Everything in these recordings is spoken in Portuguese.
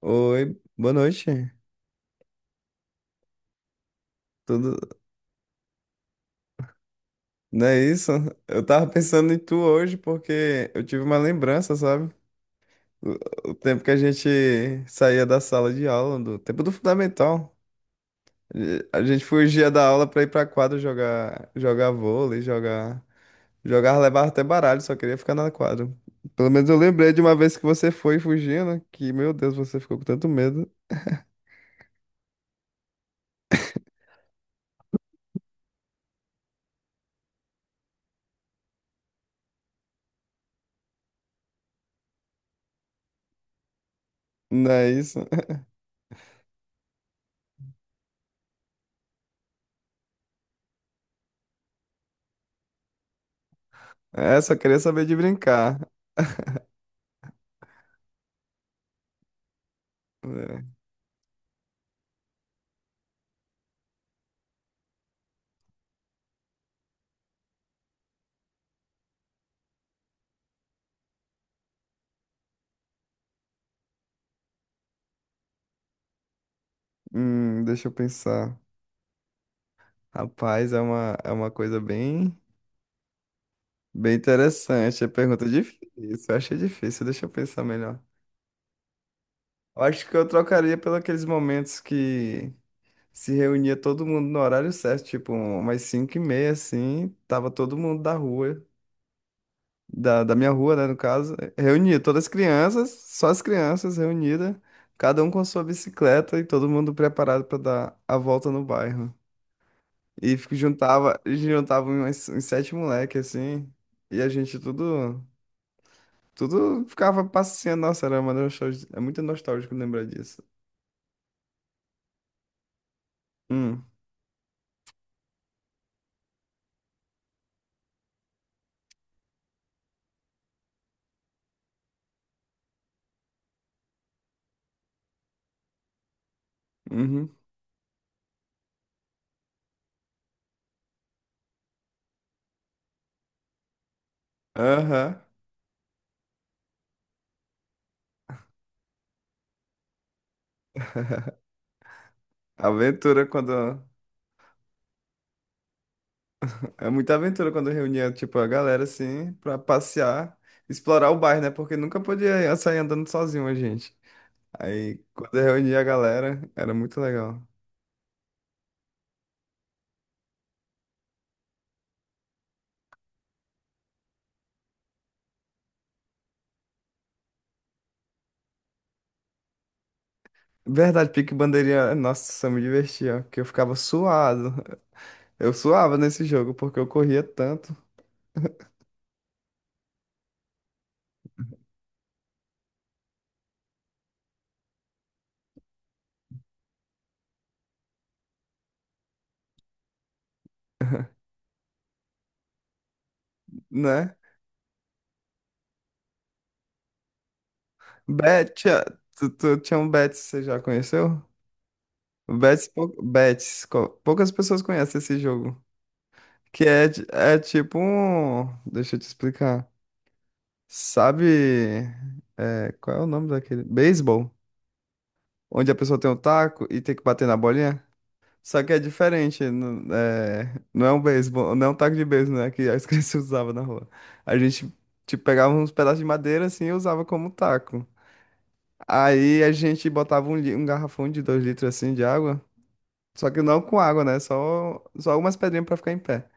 Oi, boa noite. Tudo, não é isso? Eu tava pensando em tu hoje porque eu tive uma lembrança, sabe? O tempo que a gente saía da sala de aula, do tempo do fundamental. E a gente fugia da aula pra ir pra quadra jogar, jogar vôlei, jogar, levar até baralho, só queria ficar na quadra. Pelo menos eu lembrei de uma vez que você foi fugindo, que, meu Deus, você ficou com tanto medo. Não é isso? É, só queria saber de brincar. É. Deixa eu pensar. Rapaz, é uma coisa bem, bem interessante. É pergunta é difícil. Eu achei difícil, deixa eu pensar melhor. Eu acho que eu trocaria pelos aqueles momentos que se reunia todo mundo no horário certo, tipo umas 5 e meia, assim, tava todo mundo da rua, da minha rua, né, no caso, reunia todas as crianças, só as crianças reunidas, cada um com sua bicicleta e todo mundo preparado para dar a volta no bairro. E juntava, juntava uns sete moleques, assim. E a gente tudo. Tudo ficava passeando. Nossa, era uma nostalgia. É muito nostálgico lembrar disso. Hum, uhum. Aham. Aventura quando. É muita aventura quando reunia, tipo, a galera, assim, pra passear, explorar o bairro, né? Porque nunca podia sair andando sozinho a gente. Aí, quando eu reunia a galera, era muito legal. Verdade, pique bandeirinha. Nossa, eu me divertia, porque eu ficava suado. Eu suava nesse jogo porque eu corria tanto, né? Betia, tu tinha um Betis, você já conheceu? O Betis, Betis, poucas pessoas conhecem esse jogo. Que é, é tipo um. Deixa eu te explicar. Sabe. É, qual é o nome daquele? Beisebol. Onde a pessoa tem um taco e tem que bater na bolinha. Só que é diferente. Não é um beisebol, não é um taco de beisebol, né? Que as crianças usavam na rua. A gente, tipo, pegava uns pedaços de madeira assim e usava como taco. Aí a gente botava um, um garrafão de dois litros assim de água, só que não com água, né? Só algumas pedrinhas pra ficar em pé.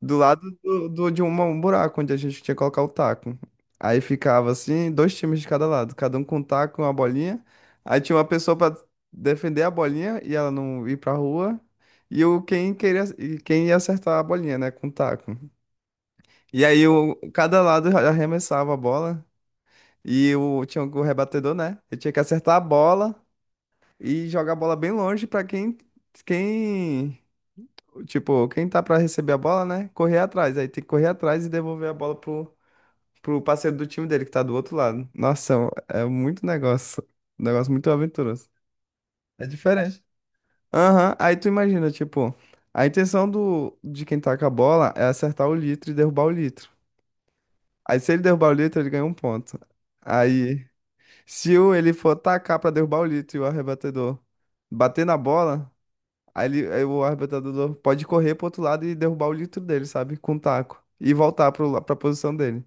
Do lado um buraco onde a gente tinha que colocar o taco. Aí ficava assim, dois times de cada lado, cada um com um taco e uma bolinha. Aí tinha uma pessoa pra defender a bolinha e ela não ir pra rua. E o quem queria e quem ia acertar a bolinha, né, com o taco. E aí o, cada lado arremessava a bola e o tinha o rebatedor, né? Ele tinha que acertar a bola e jogar a bola bem longe pra quem, tipo, quem tá pra receber a bola, né? Correr atrás. Aí tem que correr atrás e devolver a bola pro, pro parceiro do time dele que tá do outro lado. Nossa, é muito negócio. Um negócio muito aventuroso. É diferente. Aham, aí tu imagina, tipo, a intenção do, de quem tá com a bola é acertar o litro e derrubar o litro. Aí se ele derrubar o litro, ele ganha um ponto. Aí, se o, ele for tacar pra derrubar o litro e o arrebatedor bater na bola, aí, aí o arrebentador pode correr pro outro lado e derrubar o litro dele, sabe? Com o taco. E voltar pro, pra posição dele.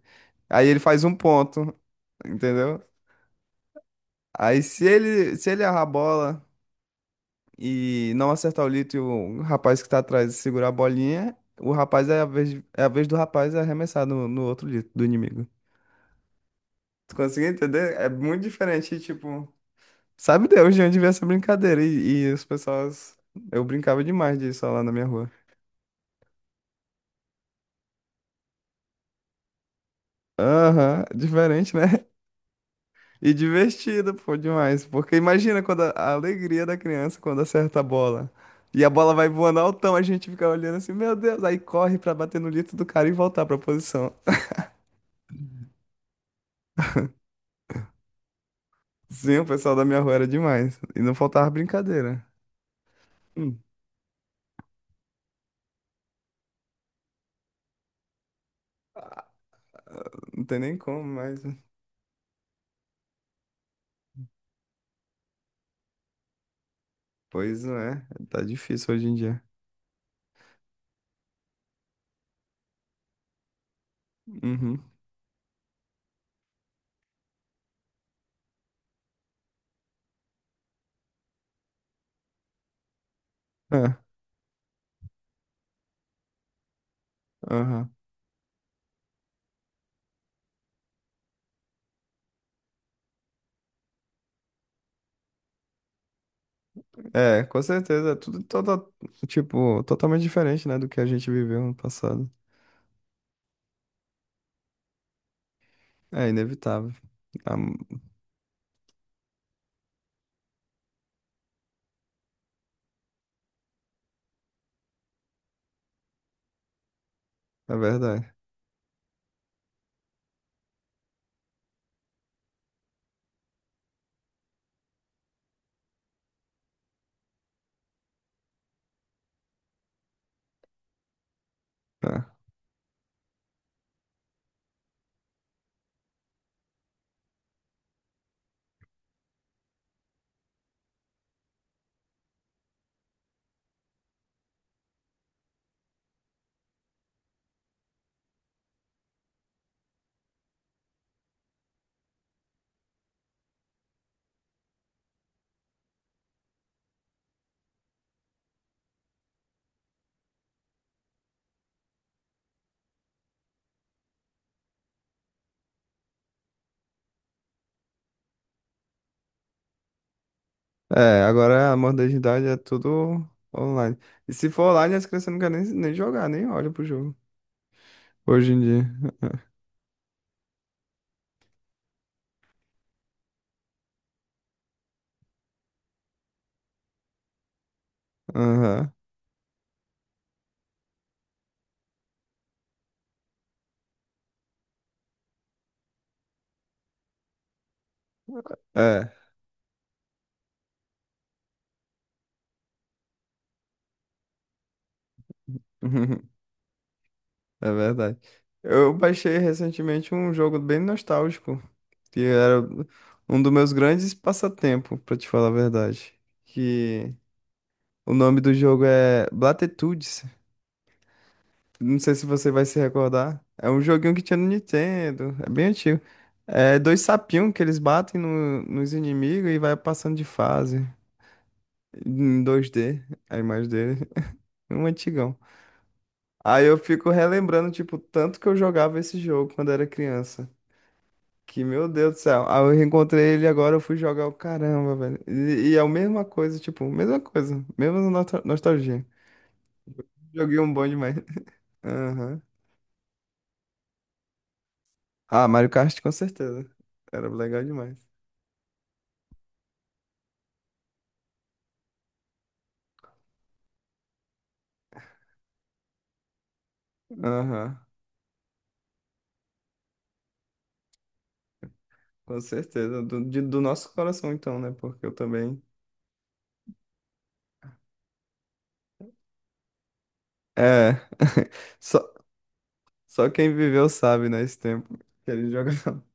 Aí ele faz um ponto, entendeu? Aí se ele errar a bola e não acertar o litro e o rapaz que tá atrás segurar a bolinha, o rapaz é a vez do rapaz arremessar no outro litro do inimigo. Tu conseguiu entender? É muito diferente, tipo. Sabe Deus de onde veio essa brincadeira? E as pessoas. Eu brincava demais disso lá na minha rua. Aham, diferente, né? E divertido, pô, demais. Porque imagina quando a alegria da criança quando acerta a bola. E a bola vai voando altão, a gente fica olhando assim, meu Deus, aí corre pra bater no litro do cara e voltar pra posição. Sim, o pessoal da minha rua era demais. E não faltava brincadeira. Hum, não tem nem como, mas. Pois não é, tá difícil hoje em dia. Uhum. É, aham. É, com certeza. É tudo toda, tipo, totalmente diferente, né, do que a gente viveu no passado. É inevitável. Ah, é verdade. É. É, agora a modernidade é tudo online. E se for online, as crianças não querem nem jogar, nem olham pro jogo. Hoje em dia. Aham. É. É verdade. Eu baixei recentemente um jogo bem nostálgico, que era um dos meus grandes passatempos, pra te falar a verdade. Que o nome do jogo é Blatitudes. Não sei se você vai se recordar. É um joguinho que tinha no Nintendo. É bem antigo. É dois sapinhos que eles batem nos inimigos e vai passando de fase. Em 2D, a imagem dele. Um antigão. Aí eu fico relembrando, tipo, tanto que eu jogava esse jogo quando era criança. Que, meu Deus do céu. Aí eu reencontrei ele agora, eu fui jogar o caramba, velho. E é a mesma coisa, tipo, mesma coisa. Mesma nostalgia. Joguei um bom demais. Aham. Ah, Mario Kart com certeza. Era legal demais. Aham, com certeza. Do, do nosso coração, então, né? Porque eu também. É. Só, só quem viveu sabe, né? Esse tempo que ele jogava.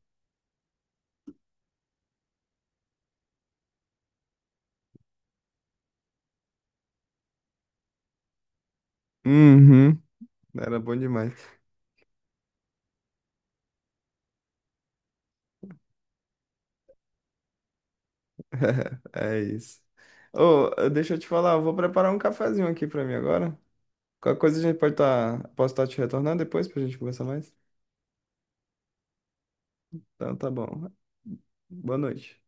Uhum. Era bom demais. É isso. Ô, deixa eu te falar, eu vou preparar um cafezinho aqui pra mim agora. Qualquer coisa a gente pode estar. Posso estar te retornando depois pra gente conversar mais? Então tá bom. Boa noite.